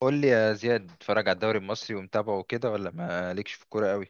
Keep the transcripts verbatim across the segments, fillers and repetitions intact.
قول لي يا زياد اتفرج على الدوري المصري ومتابعه كده ولا ما ليكش في الكوره قوي؟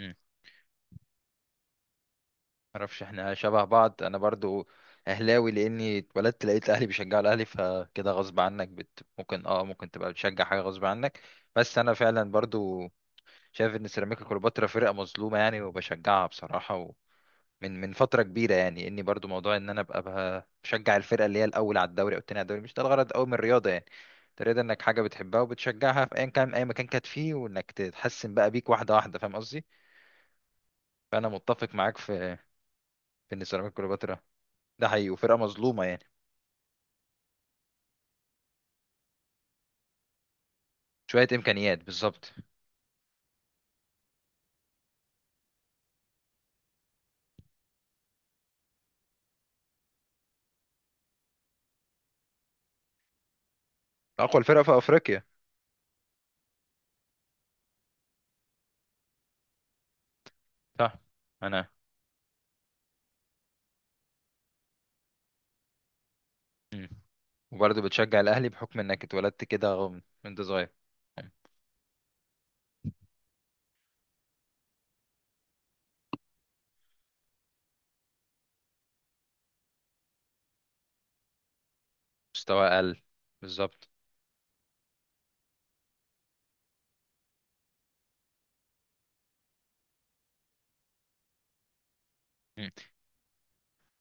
امم معرفش، احنا شبه بعض. انا برضو اهلاوي لاني اتولدت لقيت اهلي بيشجعوا الاهلي، فكده غصب عنك. بت... ممكن اه ممكن تبقى بتشجع حاجه غصب عنك. بس انا فعلا برضو شايف ان سيراميكا كليوباترا فرقه مظلومه، يعني، وبشجعها بصراحه من من فترة كبيرة. يعني اني برضو موضوع ان انا ابقى بقى بشجع الفرقة اللي هي الاول على الدوري او التاني على الدوري، مش ده الغرض قوي من الرياضة يعني. تريد انك حاجة بتحبها وبتشجعها في ايا كان اي مكان كانت فيه، وانك تتحسن بقى بيك واحدة واحدة. فاهم قصدي؟ فانا متفق معاك في في ان سيراميكا كليوباترا ده حقيقي، وفرقة مظلومة يعني. شوية امكانيات بالظبط. اقوى الفرقة في افريقيا. صح. انا مم. وبرضو بتشجع الاهلي بحكم انك اتولدت كده غم- من- وانت صغير. مستوى اقل. بالظبط.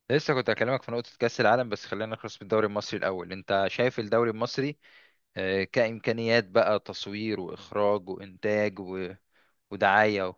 لسه كنت هكلمك في نقطة كأس العالم، بس خلينا نخلص بالدوري المصري الأول. أنت شايف الدوري المصري آه، كإمكانيات بقى، تصوير وإخراج وإنتاج و- ودعاية و...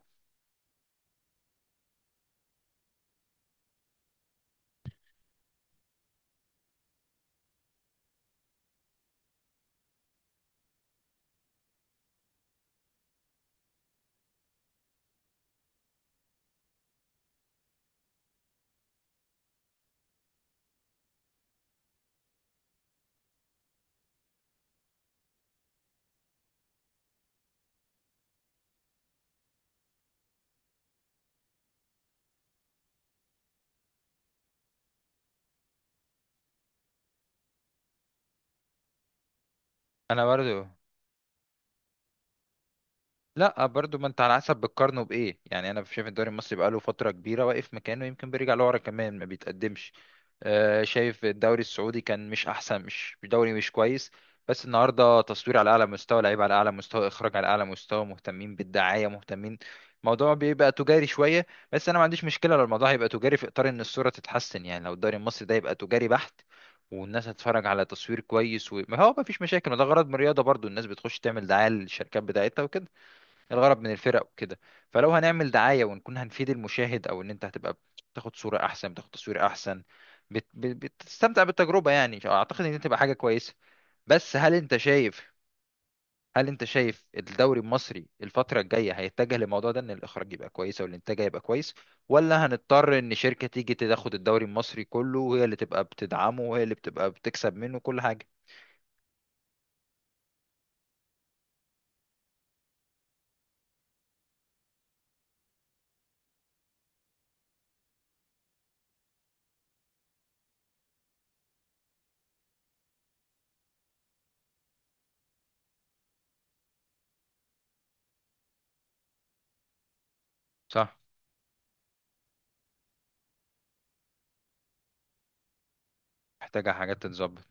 أنا برضو؟ لا، برضو، ما انت على حسب بتقارنه بايه يعني. انا شايف الدوري المصري بقاله فتره كبيره واقف مكانه، يمكن بيرجع لورا كمان، ما بيتقدمش. آه، شايف الدوري السعودي كان مش احسن، مش مش دوري مش كويس. بس النهارده تصوير على اعلى مستوى، لعيب على اعلى مستوى، اخراج على اعلى مستوى، مهتمين بالدعايه، مهتمين. الموضوع بيبقى تجاري شويه. بس انا ما عنديش مشكله لو الموضوع هيبقى تجاري في اطار ان الصوره تتحسن يعني. لو الدوري المصري ده يبقى تجاري بحت والناس هتتفرج على تصوير كويس، وما هو مفيش مشاكل، وده غرض من الرياضه برضو، الناس بتخش تعمل دعايه للشركات بتاعتها وكده. الغرض من الفرق وكده. فلو هنعمل دعاية ونكون هنفيد المشاهد، او ان انت هتبقى بتاخد صورة احسن، بتاخد تصوير احسن، بت... بت- بتستمتع بالتجربة يعني. اعتقد ان دي تبقى حاجة كويسة. بس هل انت شايف هل انت شايف الدوري المصري الفترة الجاية هيتجه للموضوع ده، ان الاخراج يبقى كويس او الانتاج يبقى كويس؟ ولا هنضطر ان شركة تيجي تاخد الدوري المصري كله وهي اللي تبقى بتدعمه وهي اللي بتبقى بتكسب منه كل حاجة؟ صح. محتاجة حاجات تتظبط.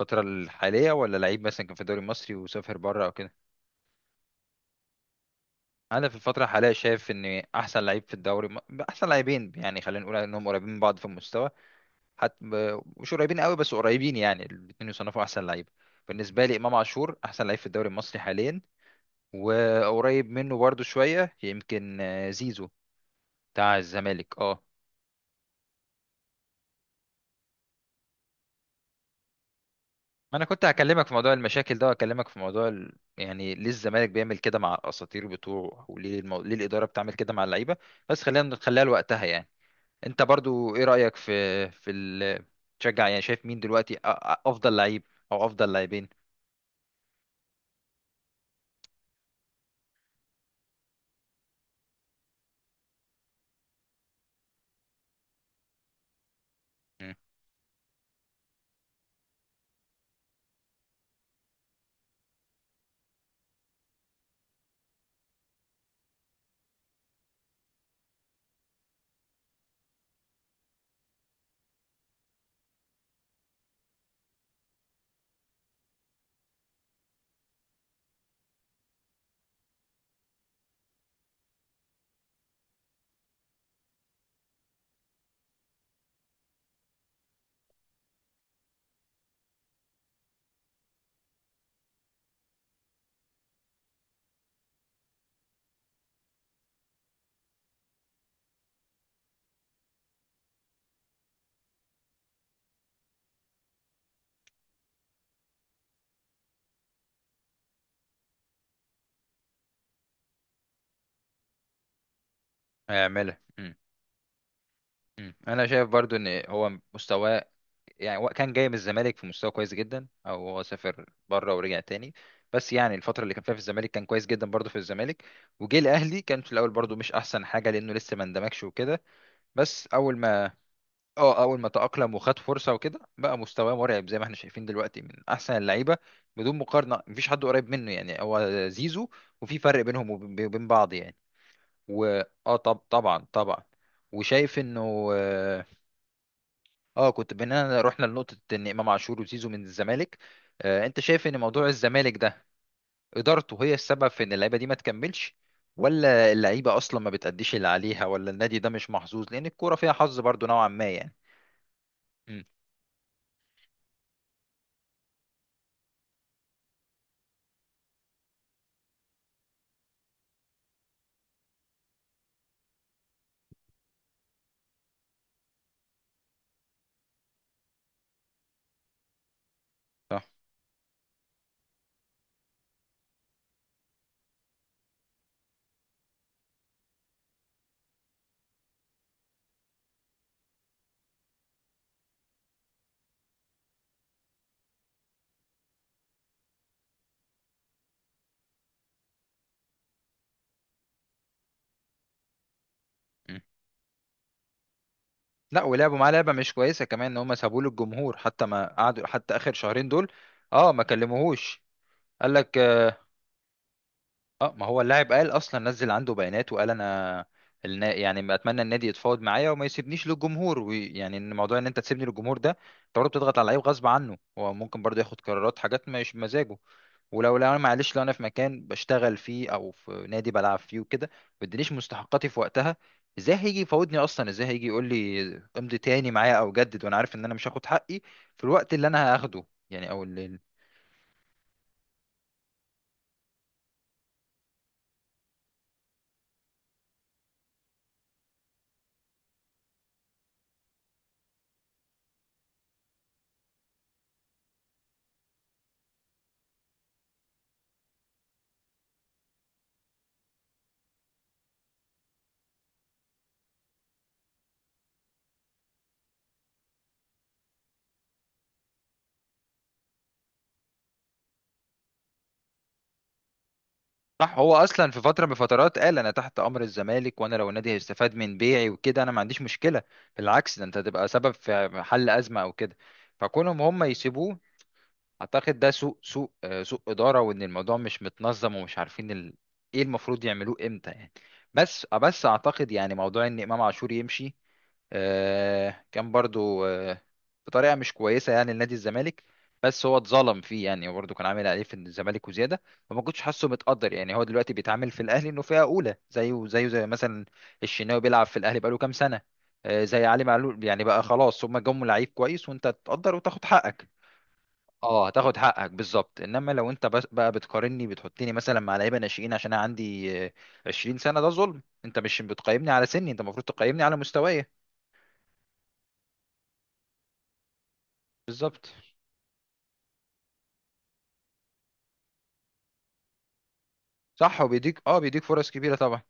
الفترة الحالية ولا لعيب مثلا كان في الدوري المصري وسافر بره او كده؟ انا في الفتره الحاليه شايف ان احسن لعيب في الدوري، احسن لاعبين، يعني خلينا نقول انهم قريبين من بعض في المستوى. حتى مش قريبين قوي، بس قريبين، يعني الاثنين يصنفوا احسن لعيب. بالنسبه لي، امام عاشور احسن لعيب في الدوري المصري حاليا. وقريب منه برضو شويه يمكن آه، زيزو بتاع الزمالك، اه. انا كنت هكلمك في موضوع المشاكل ده، واكلمك في موضوع ال... يعني ليه الزمالك بيعمل كده مع الاساطير بتوعه، وليه المو... ليه الاداره بتعمل كده مع اللعيبه. بس خلينا نخليها لوقتها يعني. انت برضو ايه رأيك في في ال تشجع؟ يعني شايف مين دلوقتي أ- أ- افضل لعيب، او افضل لاعبين؟ مم. هيعملها مم. مم. انا شايف برضو ان هو مستواه، يعني هو كان جاي من الزمالك في مستوى كويس جدا، او هو سافر بره ورجع تاني. بس يعني الفترة اللي كان فيها في الزمالك كان كويس جدا برضو في الزمالك. وجه الاهلي كان في الاول برضو مش احسن حاجة لانه لسه ما اندمجش وكده. بس اول ما اه اول ما تأقلم وخد فرصة وكده، بقى مستواه مرعب زي ما احنا شايفين دلوقتي، من احسن اللعيبة. بدون مقارنة مفيش حد قريب منه، يعني هو زيزو، وفي فرق بينهم وب- وبين بعض يعني. واه طب، طبعا طبعا. وشايف انه اه آه، كنت بينا رحنا لنقطة ان امام عاشور وزيزو من الزمالك. آه انت شايف ان موضوع الزمالك ده ادارته هي السبب في ان اللعيبة دي ما تكملش؟ ولا اللعيبة اصلا ما بتأديش اللي عليها؟ ولا النادي ده مش محظوظ لان الكورة فيها حظ برضو نوعا ما يعني؟ امم صح. امم. لا، ولعبوا معاه لعبه مش كويسه كمان، ان هم سابوه للجمهور، حتى ما قعدوا حتى اخر شهرين دول. اه، ما كلموهوش. قال لك. اه، ما هو اللاعب قال اصلا، نزل عنده بيانات وقال: انا النا... يعني ما اتمنى النادي يتفاوض معايا وما يسيبنيش للجمهور. ويعني ان موضوع ان انت تسيبني للجمهور ده، انت برضه بتضغط على اللعيب غصب عنه، هو ممكن برضه ياخد قرارات حاجات مش بمزاجه. ولو لو انا، معلش، لو انا في مكان بشتغل فيه او في نادي بلعب فيه وكده، ما ادينيش مستحقاتي في وقتها، ازاي هيجي يفاوضني اصلا؟ ازاي هيجي يقول لي امضي تاني معايا، او جدد، وانا عارف ان انا مش هاخد حقي في الوقت اللي انا هاخده؟ يعني او اللي... صح. هو اصلا في فتره من الفترات قال انا تحت امر الزمالك، وانا لو النادي هيستفاد من بيعي وكده، انا ما عنديش مشكله. بالعكس، ده انت هتبقى سبب في حل ازمه او كده. فكونهم هم يسيبوه... اعتقد ده سوء سوء آه، سوء اداره، وان الموضوع مش متنظم، ومش عارفين ال... ايه المفروض يعملوه امتى يعني. بس بس اعتقد يعني موضوع ان امام عاشور يمشي آه، كان برضو آه، بطريقه مش كويسه يعني لنادي الزمالك. بس هو اتظلم فيه يعني، وبرضه كان عامل عليه في الزمالك وزياده. فما كنتش حاسه متقدر، يعني هو دلوقتي بيتعامل في الاهلي انه فئه اولى، زيه زيه زي مثلا الشناوي بيلعب في الاهلي بقاله كام سنه. آه، زي علي معلول، يعني بقى خلاص هما جم لعيب كويس، وانت تقدر وتاخد حقك. اه، هتاخد حقك، بالظبط. انما لو انت بس- بقى بتقارني، بتحطني مثلا مع لعيبه ناشئين عشان انا عندي آه، عشرين سنه، ده ظلم. انت مش بتقيمني على سني، انت المفروض تقيمني على مستواي. بالظبط. صح، وبيديك اه بيديك فرص كبيرة طبعا.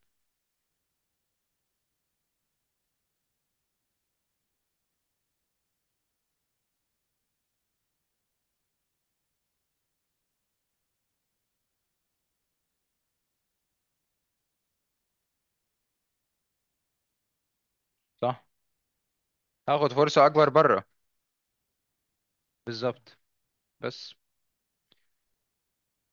صح، هاخد فرصة اكبر بره. بالظبط. بس